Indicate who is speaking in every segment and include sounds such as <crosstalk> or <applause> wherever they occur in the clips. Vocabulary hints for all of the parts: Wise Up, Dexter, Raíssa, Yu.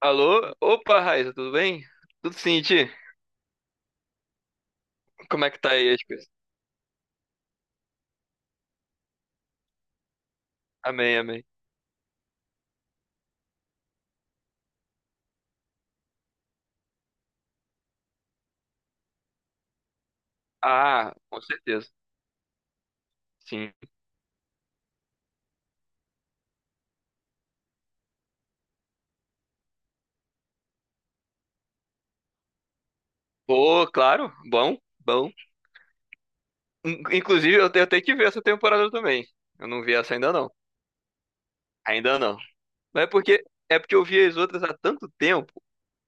Speaker 1: Alô? Opa, Raíssa, tudo bem? Tudo sim, Ti? Como é que tá aí as coisas? Amém, amém. Ah, com certeza. Sim. Pô, claro, bom, bom. Inclusive, eu tenho que ver essa temporada também. Eu não vi essa ainda não. Ainda não. Mas é porque eu vi as outras há tanto tempo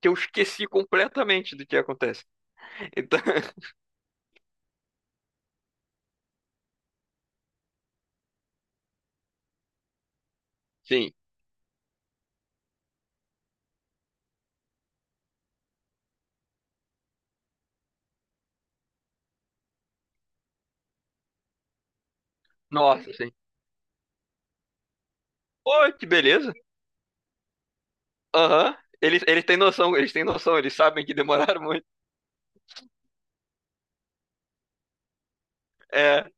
Speaker 1: que eu esqueci completamente do que acontece. Então, <laughs> sim. Nossa, sim. Pô, que beleza. Aham. Eles têm noção, eles têm noção, eles sabem que demoraram muito. É,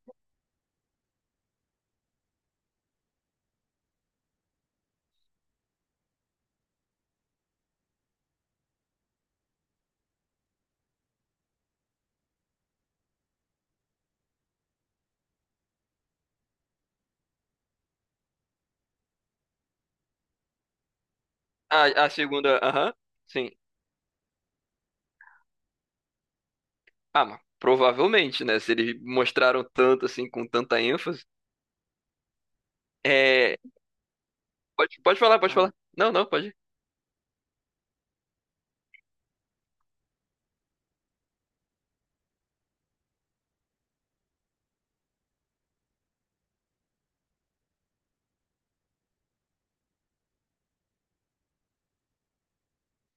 Speaker 1: a segunda, aham. Sim. Ah, mas provavelmente, né? Se eles mostraram tanto assim, com tanta ênfase. É. Pode, pode falar, pode Ah, falar. Não, não, pode. Ir.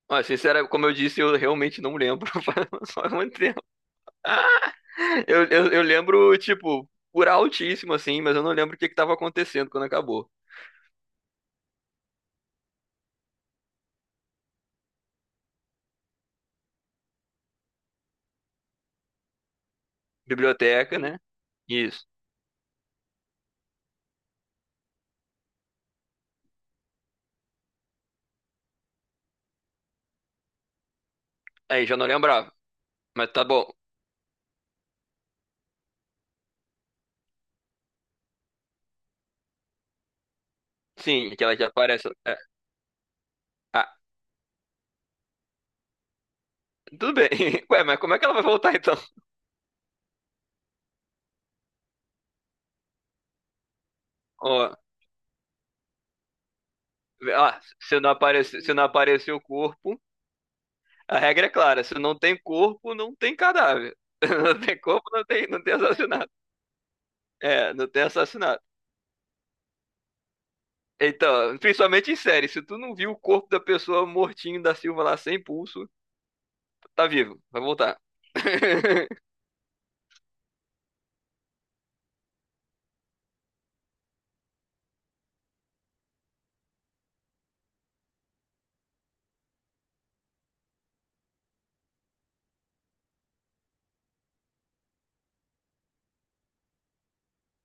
Speaker 1: Ó, sincera, como eu disse, eu realmente não lembro. <laughs> Faz só muito tempo. Eu lembro, tipo, por altíssimo, assim, mas eu não lembro o que que tava acontecendo quando acabou. Biblioteca, né? Isso. Aí já não lembrava. Mas tá bom. Sim, aquela que aparece. É. Ah, tudo bem. <laughs> Ué, mas como é que ela vai voltar então? Ó, ah, se não aparece, se não aparecer o corpo. A regra é clara, se não tem corpo, não tem cadáver. <laughs> Não tem corpo, não tem assassinato. É, não tem assassinato. Então, principalmente em série, se tu não viu o corpo da pessoa mortinho da Silva lá sem pulso, tá vivo, vai voltar. <laughs>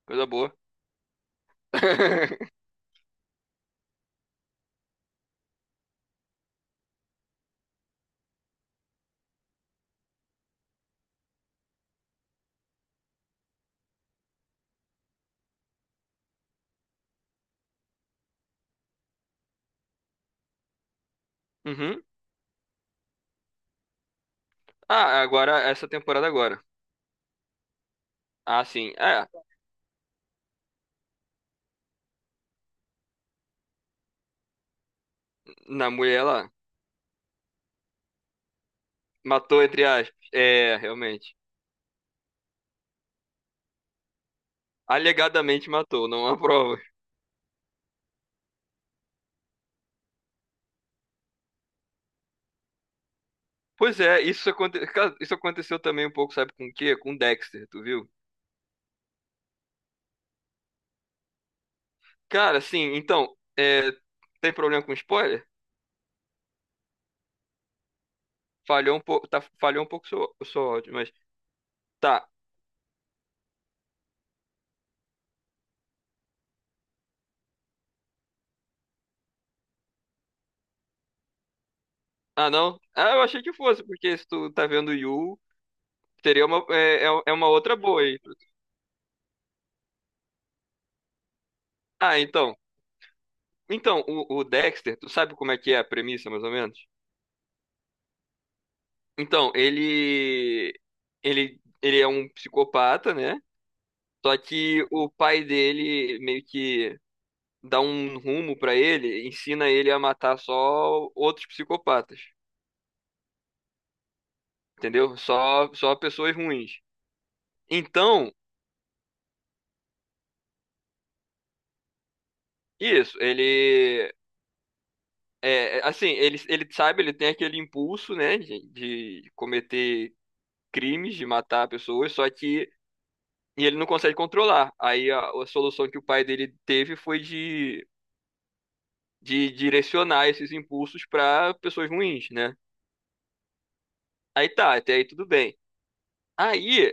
Speaker 1: Coisa boa. <laughs> Uhum. Ah, agora, essa temporada agora. Ah, sim. É, na mulher ela matou, entre aspas. É, realmente. Alegadamente matou, não há prova. Pois é, isso, cara, isso aconteceu também um pouco, sabe com o quê? Com Dexter, tu viu? Cara, sim, então, é, tem problema com spoiler? Falhou um pouco, tá, falhou um pouco o seu áudio, mas tá. Ah, não? Ah, eu achei que fosse, porque se tu tá vendo Yu, teria uma, uma outra boa aí. Ah, então, o Dexter, tu sabe como é que é a premissa, mais ou menos? Então, ele é um psicopata, né? Só que o pai dele meio que dá um rumo pra ele, ensina ele a matar só outros psicopatas. Entendeu? Só pessoas ruins. Então, isso, ele. Assim, ele sabe, ele tem aquele impulso, né, de, cometer crimes, de matar pessoas, só que e ele não consegue controlar. Aí a solução que o pai dele teve foi de direcionar esses impulsos para pessoas ruins, né? Aí tá, até aí tudo bem. Aí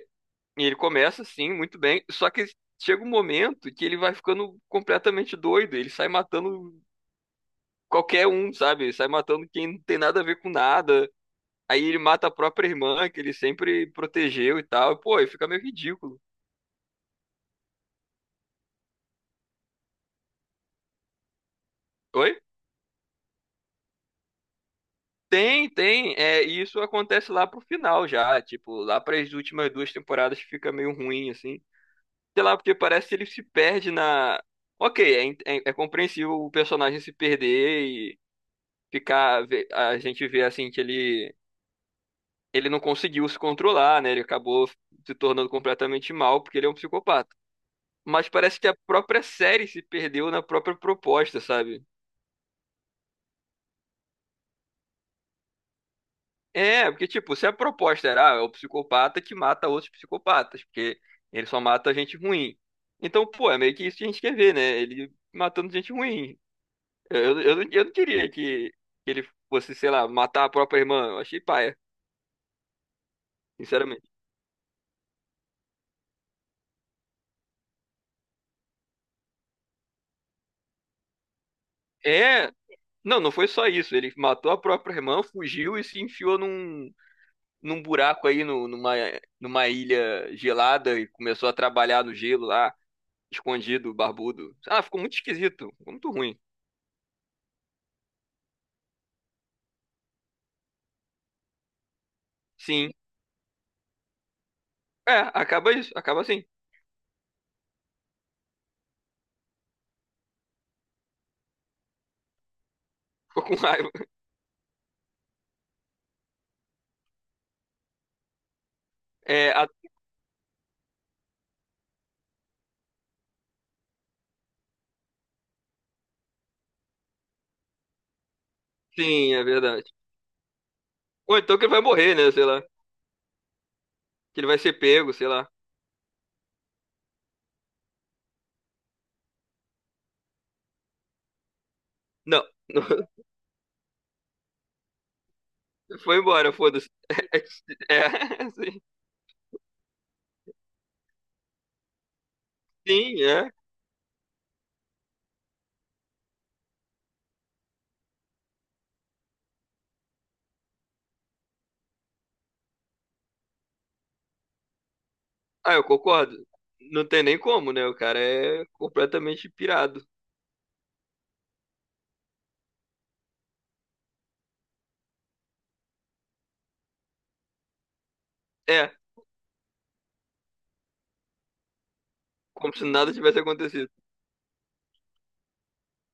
Speaker 1: ele começa, sim, muito bem, só que chega um momento que ele vai ficando completamente doido, ele sai matando qualquer um, sabe? Sai matando quem não tem nada a ver com nada. Aí ele mata a própria irmã, que ele sempre protegeu e tal. Pô, aí fica meio ridículo. Oi? Tem, tem. É, e isso acontece lá pro final já. Tipo, lá para as últimas duas temporadas que fica meio ruim, assim. Sei lá, porque parece que ele se perde na. Ok, é, compreensível o personagem se perder e ficar. A gente vê assim que ele. Ele não conseguiu se controlar, né? Ele acabou se tornando completamente mal porque ele é um psicopata. Mas parece que a própria série se perdeu na própria proposta, sabe? É, porque, tipo, se a proposta era, ah, é o psicopata que mata outros psicopatas, porque ele só mata gente ruim. Então, pô, é meio que isso que a gente quer ver, né? Ele matando gente ruim. Eu não queria que, ele fosse, sei lá, matar a própria irmã. Eu achei paia, sinceramente. É, não foi só isso. Ele matou a própria irmã, fugiu e se enfiou num buraco aí, no, numa, numa ilha gelada e começou a trabalhar no gelo lá. Escondido, barbudo. Ah, ficou muito esquisito, ficou muito ruim. Sim. É, acaba isso, acaba assim. <laughs> Ficou com raiva. É, sim, é verdade. Ou então que ele vai morrer, né? Sei lá. Que ele vai ser pego, sei lá. Não, <laughs> foi embora, foda-se. <laughs> é, sim, sim, é. Ah, eu concordo. Não tem nem como, né? O cara é completamente pirado. É, como se nada tivesse acontecido.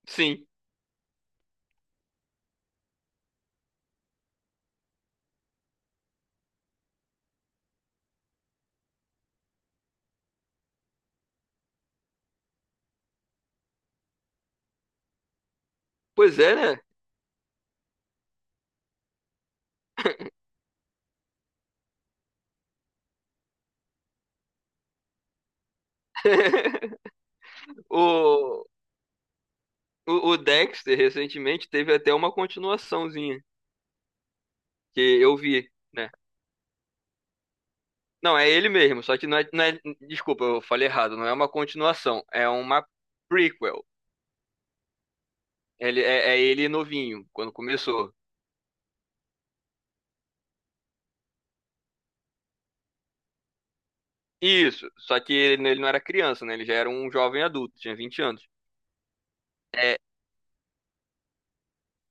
Speaker 1: Sim. Pois é, né? <laughs> O, o Dexter recentemente teve até uma continuaçãozinha, que eu vi, né? Não, é ele mesmo, só que não é, não é- Desculpa, eu falei errado. Não é uma continuação, é uma prequel. Ele, ele novinho, quando começou. Isso, só que ele não era criança, né? Ele já era um jovem adulto, tinha 20 anos. É,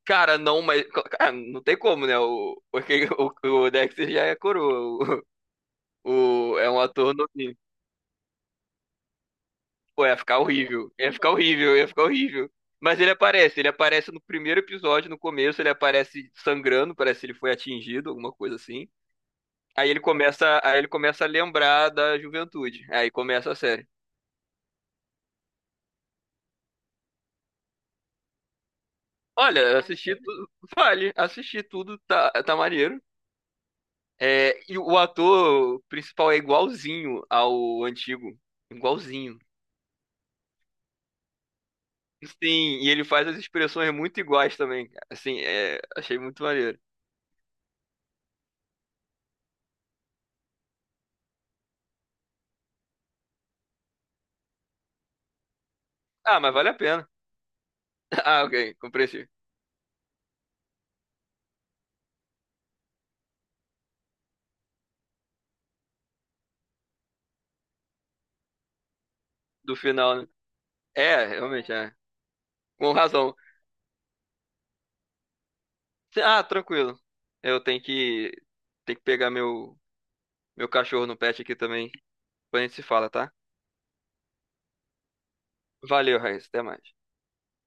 Speaker 1: cara, não, mas. Cara, não tem como, né? O, <laughs> porque o Dexter já é coroa. O, é um ator novinho. Pô, ia ficar horrível, ia ficar horrível, ia ficar horrível. Mas ele aparece no primeiro episódio, no começo, ele aparece sangrando, parece que ele foi atingido, alguma coisa assim. Aí ele começa a lembrar da juventude. Aí começa a série. Olha, eu assisti tudo, <laughs> vale, assisti tudo, tá, maneiro. É, e o ator principal é igualzinho ao antigo, igualzinho. Sim, e ele faz as expressões muito iguais também, cara. Assim, é, achei muito maneiro. Ah, mas vale a pena. <laughs> Ah, ok, compreendi. Do final, né? É, realmente, é. Com razão. Ah, tranquilo. Eu tenho que, pegar meu cachorro no pet aqui também. Depois a gente se fala, tá? Valeu, Raíssa. Até mais.